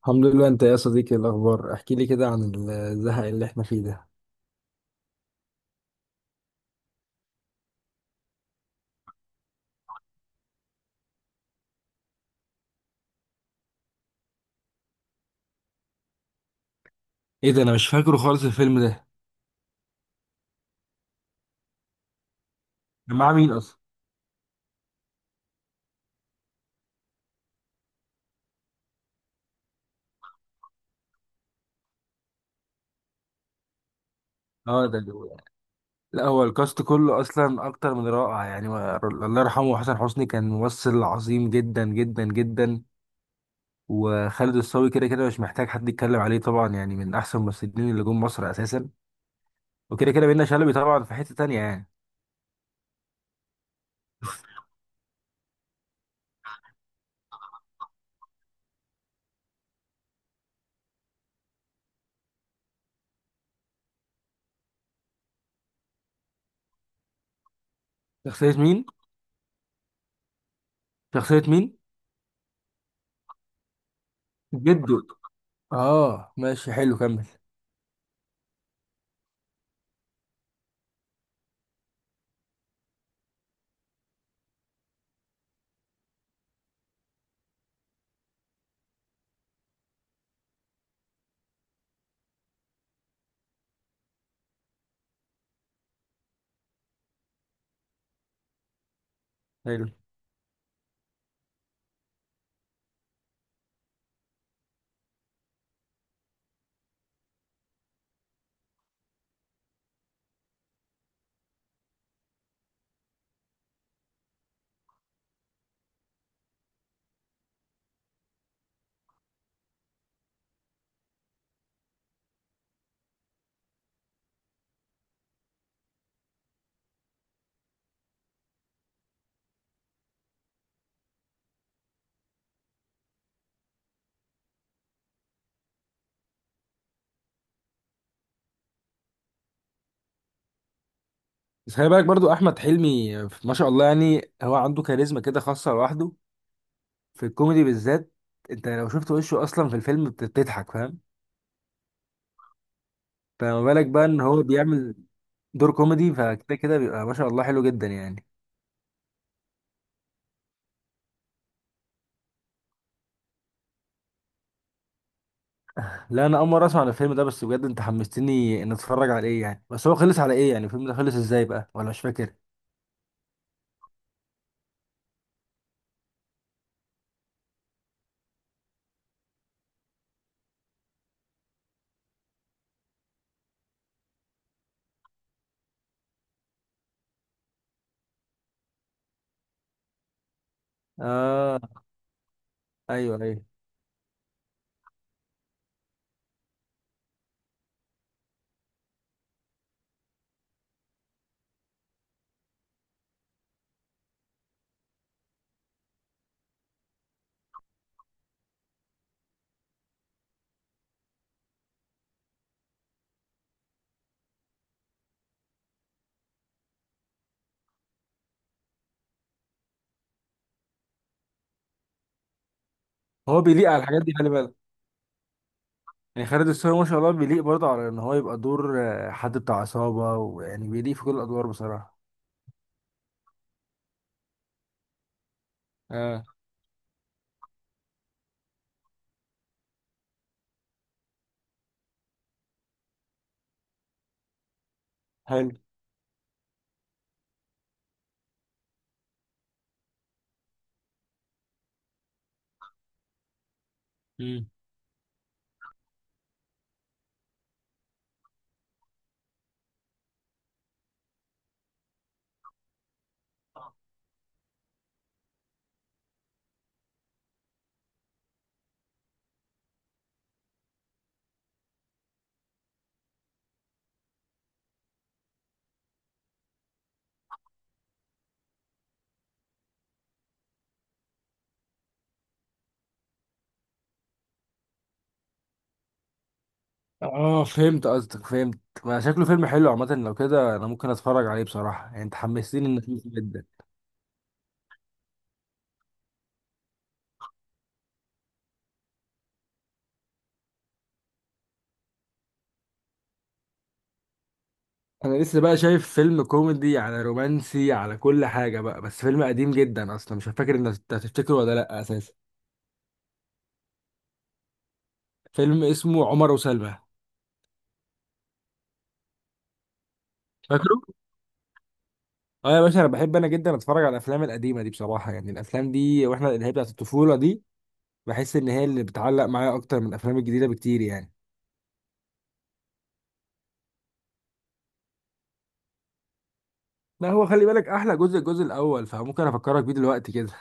الحمد لله. انت يا صديقي إيه الاخبار؟ احكي لي كده عن الزهق اللي احنا فيه ده. ايه ده؟ انا مش فاكره خالص الفيلم ده. كان معاه مين اصلا؟ اه، ده اللي هو يعني. لا، هو الكاست كله اصلا اكتر من رائع يعني الله يرحمه حسن حسني، كان ممثل عظيم جدا جدا جدا. وخالد الصاوي كده كده مش محتاج حد يتكلم عليه طبعا، يعني من احسن الممثلين اللي جم مصر اساسا. وكده كده بينا شلبي طبعا في حتة تانية يعني. شخصية مين؟ شخصية مين؟ جدو. اه ماشي، حلو كمل. حلو. بس خلي بالك برضو احمد حلمي ما شاء الله، يعني هو عنده كاريزما كده خاصه لوحده في الكوميدي بالذات. انت لو شفت وشه اصلا في الفيلم بتضحك، فاهم؟ فما بالك بقى ان هو بيعمل دور كوميدي، فكده كده بيبقى ما شاء الله حلو جدا يعني. لا، انا اول مره اسمع عن الفيلم ده، بس بجد انت حمستني ان اتفرج على ايه يعني. بس هو خلص على ايه يعني؟ الفيلم ده خلص ازاي بقى ولا مش فاكر؟ اه. ايوه ايوه. هو بيليق على الحاجات دي، خلي بالك. يعني خالد الصاوي ما شاء الله بيليق برضه على ان هو يبقى دور حد بتاع عصابه، ويعني بيليق في كل الادوار بصراحه. اه. حلو. مم. اه فهمت قصدك، فهمت. ما شكله فيلم حلو عامة، لو كده انا ممكن اتفرج عليه بصراحة، يعني انت حمستني انك جدا. انا لسه بقى شايف فيلم كوميدي على رومانسي على كل حاجة بقى، بس فيلم قديم جدا اصلا، مش فاكر ان انت هتفتكره ولا لا اساسا. فيلم اسمه عمر وسلمى. فاكره؟ اه يا باشا، انا بحب انا جدا اتفرج على الافلام القديمة دي بصراحة، يعني الافلام دي واحنا اللي هي بتاعت الطفولة دي بحس ان هي اللي بتعلق معايا اكتر من الافلام الجديدة بكتير يعني. ما هو خلي بالك احلى جزء الجزء الاول، فممكن افكرك بيه دلوقتي كده.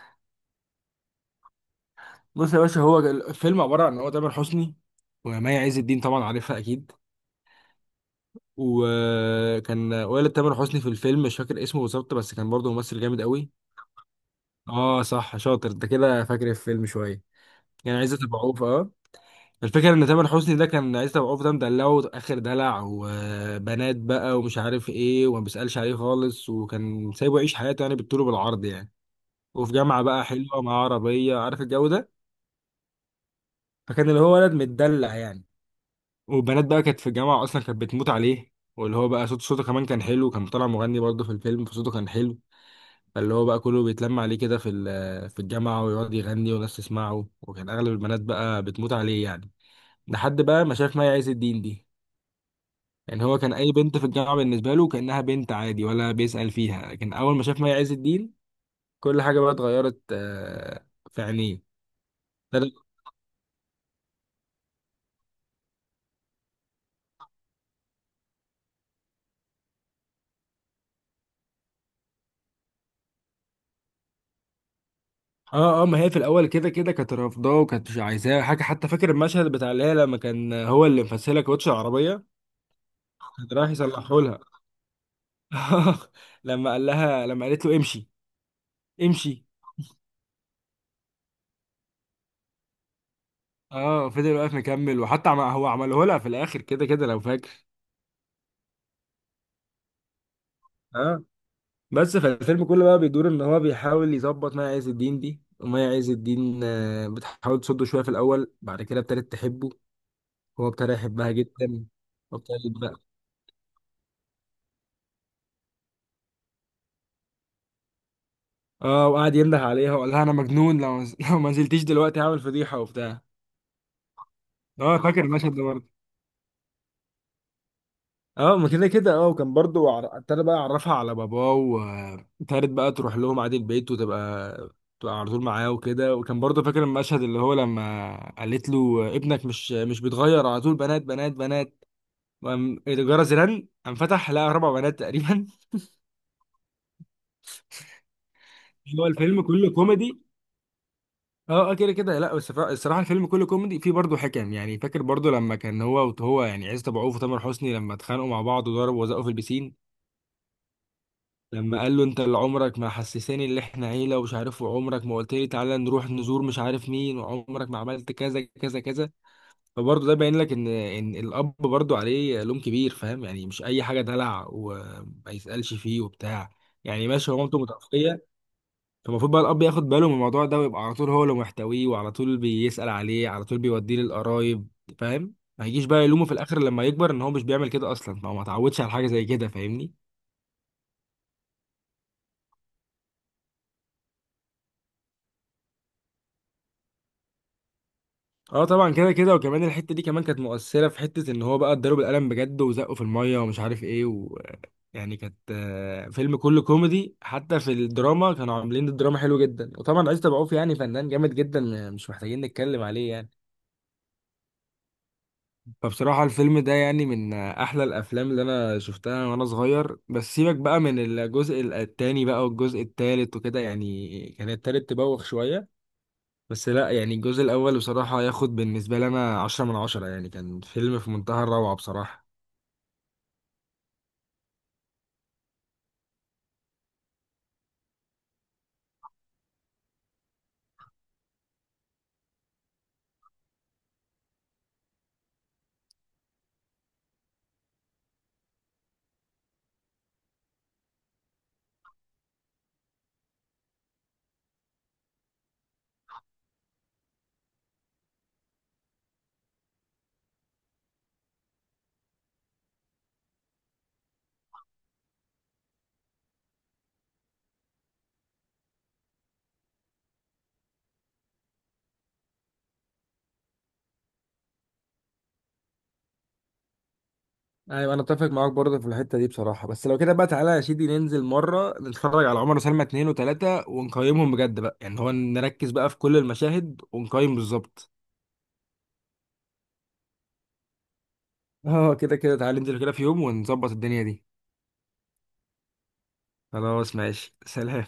بص يا باشا، هو الفيلم عبارة عن إن هو تامر حسني ومي عز الدين، طبعا عارفها أكيد. وكان والد تامر حسني في الفيلم مش فاكر اسمه بالظبط، بس كان برضه ممثل جامد قوي. اه صح، شاطر انت كده فاكر الفيلم شوية. يعني عزت أبو عوف، اه. الفكرة إن تامر حسني ده كان عزت أبو عوف ده مدلعه آخر دلع، وبنات بقى ومش عارف إيه، وما بيسألش عليه خالص، وكان سايبه يعيش حياته يعني بالطول وبالعرض يعني. وفي جامعة بقى حلوة مع عربية، عارف الجو ده. فكان اللي هو ولد متدلع يعني، وبنات بقى كانت في الجامعة أصلا كانت بتموت عليه. واللي هو بقى صوته كمان كان حلو، كان طالع مغني برضه في الفيلم، فصوته كان حلو. فاللي هو بقى كله بيتلم عليه كده في في الجامعة ويقعد يغني وناس تسمعه، وكان أغلب البنات بقى بتموت عليه يعني. لحد بقى ما شاف مي عز الدين دي. يعني هو كان أي بنت في الجامعة بالنسبة له كأنها بنت عادي ولا بيسأل فيها، لكن أول ما شاف مي عز الدين كل حاجة بقى اتغيرت في عينيه. اه اه، ما هي في الاول كده كده كانت رافضاه وكانت مش عايزاه حاجه، حتى فاكر المشهد بتاع اللي هي لما كان هو اللي مفسلها كاوتش العربيه. كان رايح يصلحه لها. لما قال لها، لما قالت له امشي امشي. اه فضل واقف مكمل، وحتى هو عمله لها في الاخر كده كده لو فاكر. اه. بس فالفيلم كله بقى بيدور ان هو بيحاول يظبط مي عز الدين دي، ومي عز الدين بتحاول تصده شويه في الاول، بعد كده ابتدت تحبه، هو ابتدى يحبها جدا. وابتدت. اه وقعد ينده عليها وقال لها انا مجنون، لو لو ما نزلتيش دلوقتي هعمل فضيحه وبتاع. اه فاكر المشهد ده برضه. اه، ما كده كده اه. وكان برضه ابتدى بقى يعرفها على باباه، وابتدت بقى تروح لهم عادي البيت وتبقى تبقى على طول معاه وكده. وكان برضه فاكر المشهد اللي هو لما قالت له ابنك مش بيتغير، على طول بنات بنات بنات، وقام الجرس رن قام فتح لقى 4 بنات تقريبا. هو الفيلم كله كوميدي. اه كده كده. لا بس الصراحه الفيلم كله كوميدي فيه برضه حكم يعني. فاكر برضه لما كان هو وهو يعني عزت ابو عوف وتامر حسني لما اتخانقوا مع بعض وضربوا وزقوا في البسين. لما قال له انت اللي عمرك ما حسساني ان احنا عيله ومش عارف، وعمرك ما قلت لي تعالى نروح نزور مش عارف مين، وعمرك ما عملت كذا كذا كذا. فبرضه ده باين لك ان الاب برضه عليه لوم كبير، فاهم؟ يعني مش اي حاجه دلع وما يسالش فيه وبتاع. يعني ماشي هو مامته متوفيه، المفروض بقى الأب ياخد باله من الموضوع ده، ويبقى على طول هو اللي محتويه، وعلى طول بيسأل عليه، على طول بيوديه للقرايب، فاهم؟ ما يجيش بقى يلومه في الآخر لما يكبر إن هو مش بيعمل كده، أصلا ما هو ما اتعودش على حاجة زي كده، فاهمني؟ اه طبعا كده كده. وكمان الحتة دي كمان كانت مؤثرة، في حتة إن هو بقى اتضرب القلم بجد وزقه في المية ومش عارف إيه. يعني كانت فيلم كله كوميدي، حتى في الدراما كانوا عاملين الدراما حلو جدا. وطبعا عايز تبعوف يعني فنان جامد جدا مش محتاجين نتكلم عليه يعني. فبصراحة الفيلم ده يعني من أحلى الأفلام اللي أنا شفتها وأنا صغير. بس سيبك بقى من الجزء التاني بقى والجزء التالت وكده، يعني كان التالت تبوخ شوية. بس لا يعني الجزء الأول بصراحة ياخد بالنسبة لي أنا 10 من 10، يعني كان فيلم في منتهى الروعة بصراحة. أيوة أنا أتفق معاك برضه في الحتة دي بصراحة. بس لو كده بقى تعالى يا سيدي ننزل مرة نتفرج على عمر وسلمى 2 و3 ونقيمهم بجد بقى، يعني هو نركز بقى في كل المشاهد ونقيم بالظبط. اه كده كده تعالى ننزل كده في يوم ونظبط الدنيا دي. خلاص ماشي، سلام.